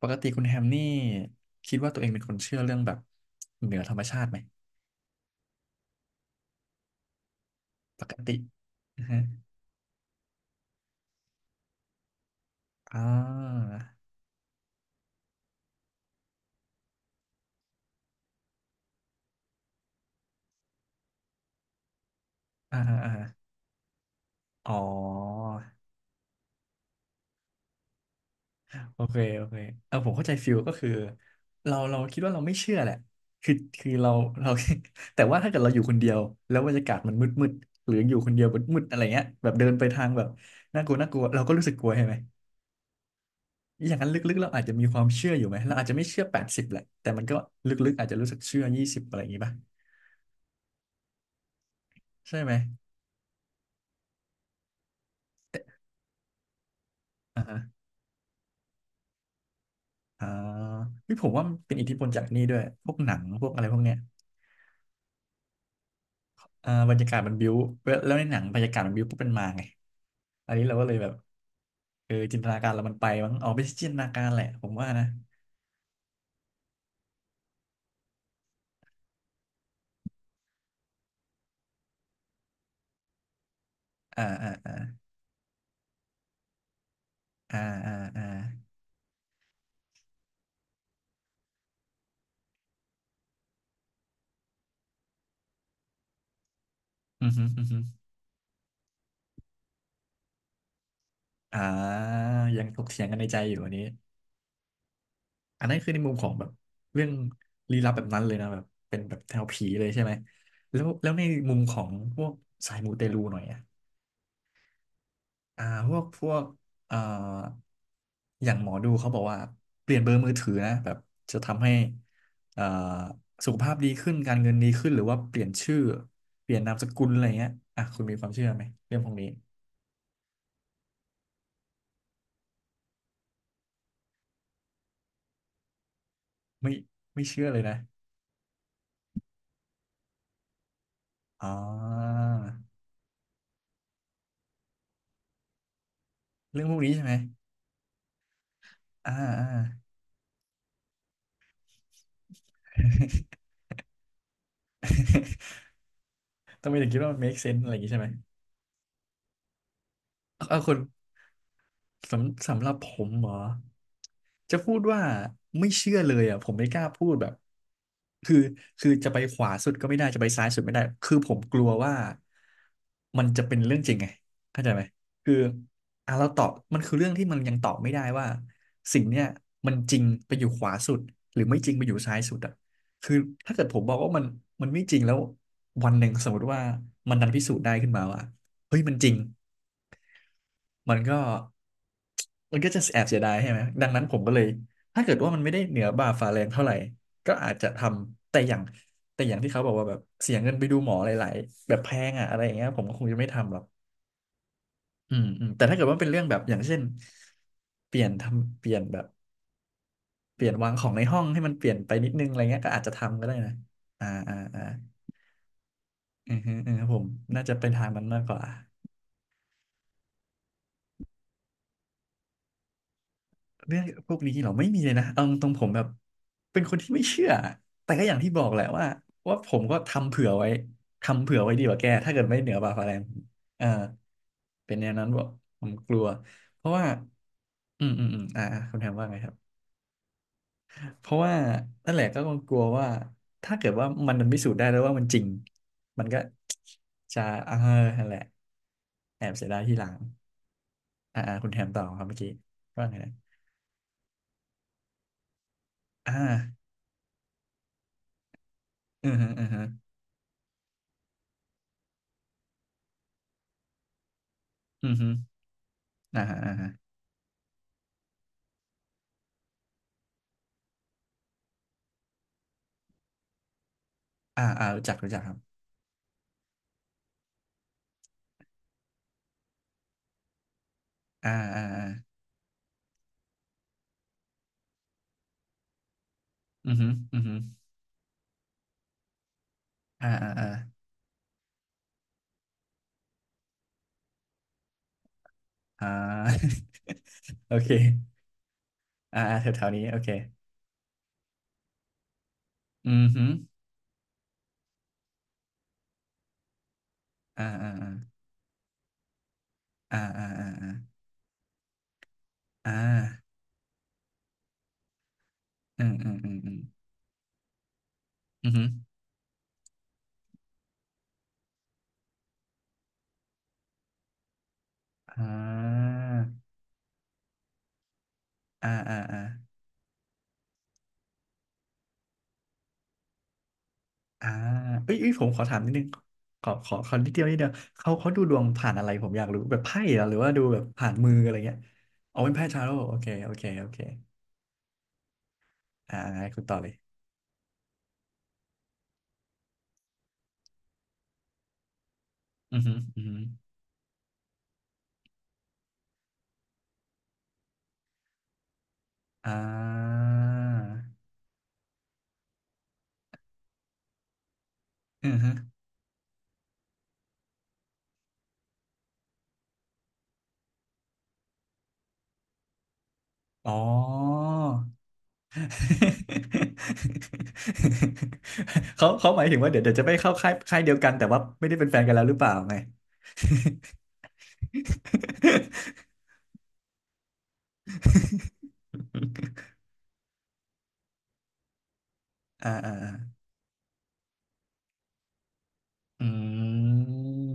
ปกติคุณแฮมนี่คิดว่าตัวเองเป็นคนเชื่อเรื่องแบบเหนือธรรมชาติไหมปกติอือฮะอ่าอ่าอ่าอาอ๋อโอเคโอเคเออผมเข้าใจฟิลก็คือเราคิดว่าเราไม่เชื่อแหละคือคือเราเรา แต่ว่าถ้าเกิดเราอยู่คนเดียวแล้วบรรยากาศมันมืดมืดหรืออยู่คนเดียวมืดมืดอะไรเงี้ยแบบเดินไปทางแบบน่ากลัวน่ากลัวเราก็รู้สึกกลัวใช่ไหมอย่างนั้นลึกๆเราอาจจะมีความเชื่ออยู่ไหมเราอาจจะไม่เชื่อ80แหละแต่มันก็ลึกๆอาจจะรู้สึกเชื่อ20อะไรอย่างงี้ป่ะใช่ไหม อ่าฮะอ่าพี่ผมว่ามันเป็นอิทธิพลจากนี่ด้วย พวกหนัง พวกอะไรพวกเนี้ย อ่าบรรยากาศมันบิ้วแล้วในหนังบรรยากาศมันบิ้วปุ๊บเป็นมาไงอันนี้เราก็เลยแบบเออจินตนาการเรามันไปมั้งอ๋อไม่ใช่จินตนาการแหละผมว่านะอ่าอ่าอ่าอ่าอ่าอ่าอือฮึอือฮึอ่ายังถกเถียงกันในใจอยู่อันนี้อันนั้นคือในมุมของแบบเรื่องลี้ลับแบบนั้นเลยนะแบบเป็นแบบแนวผีเลยใช่ไหมแล้วแล้วในมุมของพวกสายมูเตลูหน่อยอะ อ่าพวกเอ่ออย่างหมอดูเขาบอกว่าเปลี่ยนเบอร์มือถือนะแบบจะทำให้เอ่อสุขภาพดีขึ้นการเงินดีขึ้นหรือว่าเปลี่ยนชื่อเปลี่ยนนามสกุลอะไรเงี้ยอ่ะคุณมีความเชื่อไหมเรื่องพวกนี้ไม่ไม่เชื่อเลยนะอ๋อเรื่องพวกนี้ใช่ไหมอ่าอ่า ทำไมถึงคิดว่ามัน make sense อะไรอย่างงี้ใช่ไหมเออคุณ สำหรับผมเหรอจะพูดว่าไม่เชื่อเลยอ่ะผมไม่กล้าพูดแบบคือจะไปขวาสุดก็ไม่ได้จะไปซ้ายสุดไม่ได้คือผมกลัวว่ามันจะเป็นเรื่องจริงไงเข้าใจไหมคืออ่ะเราตอบมันคือเรื่องที่มันยังตอบไม่ได้ว่าสิ่งเนี้ยมันจริงไปอยู่ขวาสุดหรือไม่จริงไปอยู่ซ้ายสุดอ่ะคือถ้าเกิดผมบอกว่ามันไม่จริงแล้ววันหนึ่งสมมติว่ามันดันพิสูจน์ได้ขึ้นมาว่าเฮ้ยมันจริง มันก็จะแอบเสียดายใช่ไหมดังนั้นผมก็เลยถ้าเกิดว่ามันไม่ได้เหนือบ่าฝ่าแรงเท่าไหร่ก็อาจจะทำแต่อย่างที่เขาบอกว่าแบบเสียเงินไปดูหมอหลายๆแบบแพงอ่ะอะไรอย่างเงี้ยผมก็คงจะไม่ทำหรอกอืมอืมแต่ถ้าเกิดว่าเป็นเรื่องแบบอย่างเช่นเปลี่ยนทำเปลี่ยนแบบเปลี่ยนวางของในห้องให้มันเปลี่ยนไปนิดนึงอะไรเงี้ยก็อาจจะทำก็ได้นะอ่าอ่าอ่าอือฮึอือฮึผมน่าจะเป็นทางมันมากกว่า เรื่องพวกนี้เราไม่มีเลยนะเอาตรงๆผมแบบเป็นคนที่ไม่เชื่อแต่ก็อย่างที่บอกแหละว่าว่าผมก็ทำเผื่อไว้ทำเผื่อไว้ดีกว่าแกถ้าเกิดไม่เหนือบ่าฟ้าแรงเอ่าเป็นแนวนั้นบอกผมกลัวเพราะว่าอืมอืมอืมอ่าอ่าคุณแทนว่าไงครับเพราะว่านั่นแหละก็กลัวว่าถ้าเกิดว่ามันพิสูจน์ได้แล้วว่ามันจริงมันก็จะเออนั่นแหละแอบเสียดายทีหลังอ่าอ่าคุณแทนต่อครับเมื่อกี้ว่าไงนะอ่าอือฮึอือฮึอือฮึ อ่าฮะอ่าฮะอ่าอ่ารู้จักรู้จักครับอ่าอ่าอ่าอือฮึอือฮึอ่าอ่าอ่าอ่า โอเคอ่าอ่าแถวๆนี้โอเคอือฮึอ่าอ่าอ่าอ่าอ่าอ่าอ่าอืมอืมอืมอืมอือฮึอ่าอ่าอ่าอ่าอ่าเอ้ยเอ้ยผมขอถามนิดนึงขอนิดเดียวนิดเดียวเขาดูดวงผ่านอะไรผมอยากรู้แบบไพ่เหรอหรือว่าดูแบบผ่านมืออะไรเงี้ยเอาเป็นไพ่ทาโร่โอเคโอเคโอเคอ่าคุณต่อเลยอือฮึอือฮึ อ่าอือฮึอ๋อ เขาหมายถึงว่าเดี๋ยวจะไปเข้าค่ายค่ายเดียวกันแต่ว่าไม่ได้เป็นแฟนกันแล้วหรือเปล่าไง อ่า อ่าอ่าอืม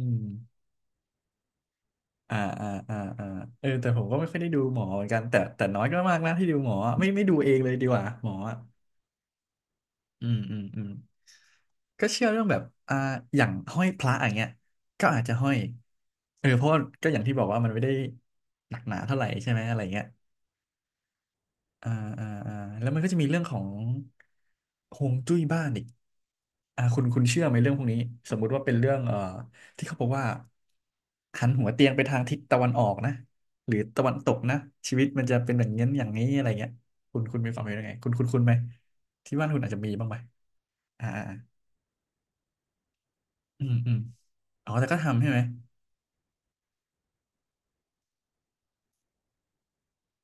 อ่าอ่าอ่าอ่าเออแต่ผมก็ไม่ค่อยได้ดูหมอเหมือนกันแต่แต่น้อยก็มากนะที่ดูหมออะไม่ไม่ดูเองเลยดีกว่าหมออะอืมอืมอืม ก็เชื่อเรื่องแบบอ่าอย่างห้อยพระอย่างเงี้ยก็อาจจะห้อยเออเพราะว่าก็อย่างที่บอกว่ามันไม่ได้หนักหนาเท่าไหร่ใช่ไหมอะไรเงี้ยอ่าอ่าอ่าแล้วมันก็จะมีเรื่องของฮวงจุ้ยบ้านอีกอ่าคุณเชื่อไหมเรื่องพวกนี้สมมุติว่าเป็นเรื่องที่เขาบอกว่าหันหัวเตียงไปทางทิศตะวันออกนะหรือตะวันตกนะชีวิตมันจะเป็นอย่างนี้อย่างนี้อะไรเงี้ยคุณมีความเห็นยังไงคุณไหมที่บ้านคุณอาจจะมีบ้างไหมอ่าอ่าอืมอืม อ๋อแต่ก็ทำใช่ไหม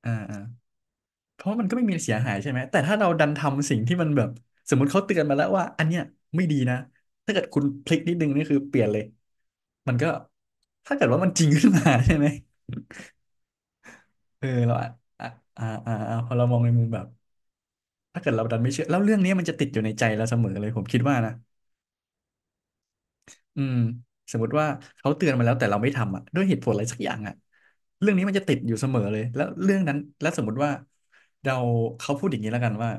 อ่าอ่าเพราะมันก็ไม่มีเสียหายใช่ไหมแต่ถ้าเราดันทำสิ่งที่มันแบบสมมติเขาเตือนมาแล้วว่าอันเนี้ยไม่ดีนะถ้าเกิดคุณพลิกนิดนึงนี่คือเปลี่ยนเลยมันก็ถ้าเกิดว่ามันจริงขึ้นมาใช่ไหมเออเราอ่ะอ่ะอ่าอ่าอ่าพอเรามองในมุมแบบถ้าเกิดเราดันไม่เชื่อแล้วเรื่องนี้มันจะติดอยู่ในใจเราเสมอเลยผมคิดว่านะ อืมสมมติว่าเขาเตือนมาแล้วแต่เราไม่ทำอ่ะด้วยเหตุผลอะไรสักอย่างอ่ะเรื่องนี้มันจะติดอยู่เสมอเลยแล้วเรื่องนั้นแล้วสมมติว่าเราเขาพูดอย่างนี้แล้วกันว่า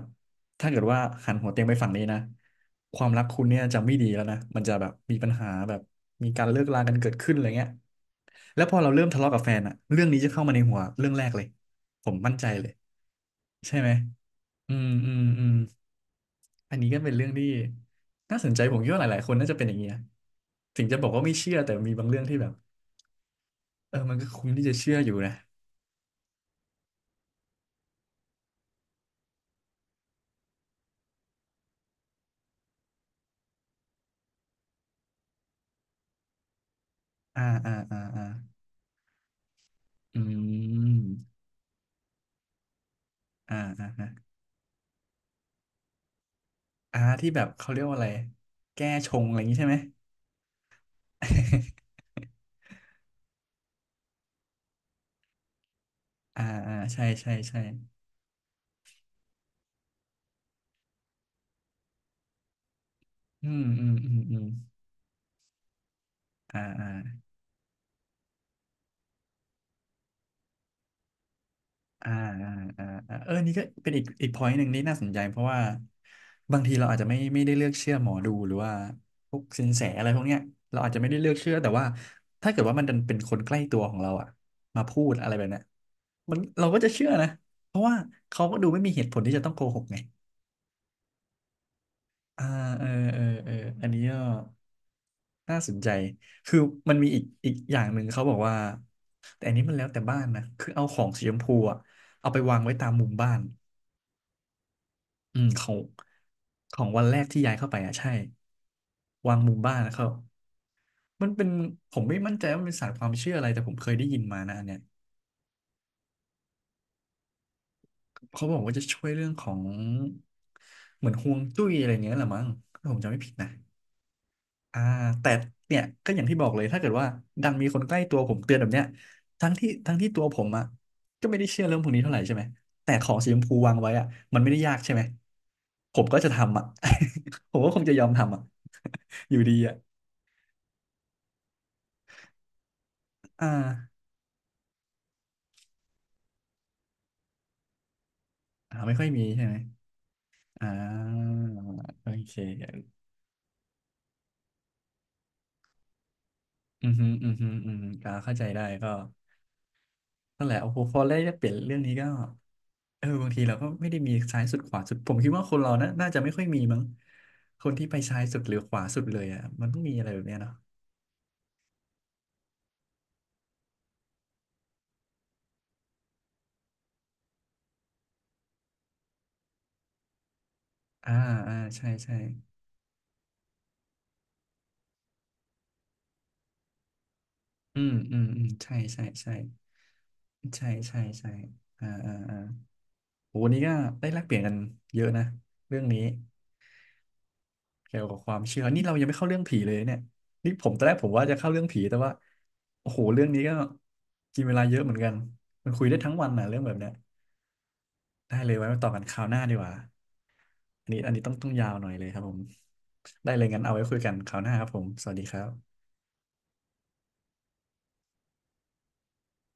ถ้าเกิดว่าหันหัวเตียงไปฝั่งนี้นะความรักคุณเนี่ยจะไม่ดีแล้วนะมันจะแบบมีปัญหาแบบมีการเลิกลากันเกิดขึ้นอะไรเงี้ยแล้วพอเราเริ่มทะเลาะกับแฟนอ่ะเรื่องนี้จะเข้ามาในหัวเรื่องแรกเลยผมมั่นใจเลยใช่ไหมอืมอืมอืม อันนี้ก็เป็นเรื่องที่น่าสนใจผมคิดว่าหลายๆ คนน่าจะเป็นอย่างเงี้ยถึงจะบอกว่าไม่เชื่อแต่มีบางเรื่องที่แบบเออมันก็คุ้มที่จะเชื่ออยู่นะอ่าอ่าอ่าอ่าอืมอ่าอ่าอ่าอ่าที่แบบเขาเรียกว่าอะไรแก้ชงอะไรอย่างงี้ใช่ไหม อ่าอ่าใช่ใช่ใช่อืมอืมอืมอืมอ่าอ่า อ่าอ่าอ่าอ่าเออนี่ก็เป็นอีก point หนึ่งที่น่าสนใจเพราะว่าบางทีเราอาจจะไม่ได้เลือกเชื่อหมอดูหรือว่าพวกสินแสอะไรพวกเนี้ยเราอาจจะไม่ได้เลือกเชื่อแต่ว่าถ้าเกิดว่ามันดันเป็นคนใกล้ตัวของเราอะมาพูดอะไรแบบเนี้ยมันเราก็จะเชื่อนะเพราะว่าเขาก็ดูไม่มีเหตุผลที่จะต้องโกหกไงอ่าเออเออเอออันนี้ก็น่าสนใจคือมันมีอีกอย่างหนึ่งเขาบอกว่าแต่อันนี้มันแล้วแต่บ้านนะคือเอาของสีชมพูอะเอาไปวางไว้ตามมุมบ้าน อืมของของวันแรกที่ย้ายเข้าไปอ่ะใช่วางมุมบ้านนะครัมันเป็นผมไม่มั่นใจว่ามันเป็นศาสตร์ความเชื่ออะไรแต่ผมเคยได้ยินมานะอันเนี้ยเขาบอกว่าจะช่วยเรื่องของเหมือนฮวงจุ้ยอะไรเงี้ยแหละมั้งถ้าผมจำไม่ผิดนะอ่าแต่เนี่ยก็อย่างที่บอกเลยถ้าเกิดว่าดันมีคนใกล้ตัวผมเตือนแบบเนี้ยทั้งที่ตัวผมอ่ะก็ไม่ได้เชื่อเรื่องพวกนี้เท่าไหร่ใช่ไหมแต่ของสีชมพูวางไว้อ่ะมันไม่ได้ยากใช่ไหมผมก็จะทำอ่ะ ผมก็คงจะยอมทำอ่ะ อยู่ดีอ่ะ อ่าอ่าไม่ค่อยมีใช่ไหมอ่าโอเคอืมฮึอืมฮึอืมก็เข้าใจได้ก็นั่นแหละโอ้โหพอได้เปลี่ยนเรื่องนี้ก็เออบางทีเราก็ไม่ได้มีซ้ายสุดขวาสุดผมคิดว่าคนเรานะน่าจะไม่ค่อยมีมั้งคนที่ไปซ้ายสุดหรือขวาสุดเลยอ่ะมันต้องมีอะไรแบบเนี้ยเนาะอ่าอ่าใช่ใช่อืมอืมอืมใช่ใช่ใช่ใช่ใช่ใช่อ่าอ่าอ่าโหวันนี้ก็ได้แลกเปลี่ยนกันเยอะนะเรื่องนี้ เกี่ยวกับความเชื่อนี่เรายังไม่เข้าเรื่องผีเลยเนี่ย นี่ผมตอนแรกผมว่าจะเข้าเรื่องผีแต่ว่า โอ้โห เรื่องนี้ก็กินเวลาเยอะเหมือนกันมันคุยได้ทั้งวันนะเรื่องแบบเนี้ยได้เลยไว้มาต่อกันคราวหน้าดีกว่าอันนี้ต้องยาวหน่อยเลยครับผม ได้เลยงั้นเอาไว้คุยกันคราวหน้าครับผมสวัสดีครับ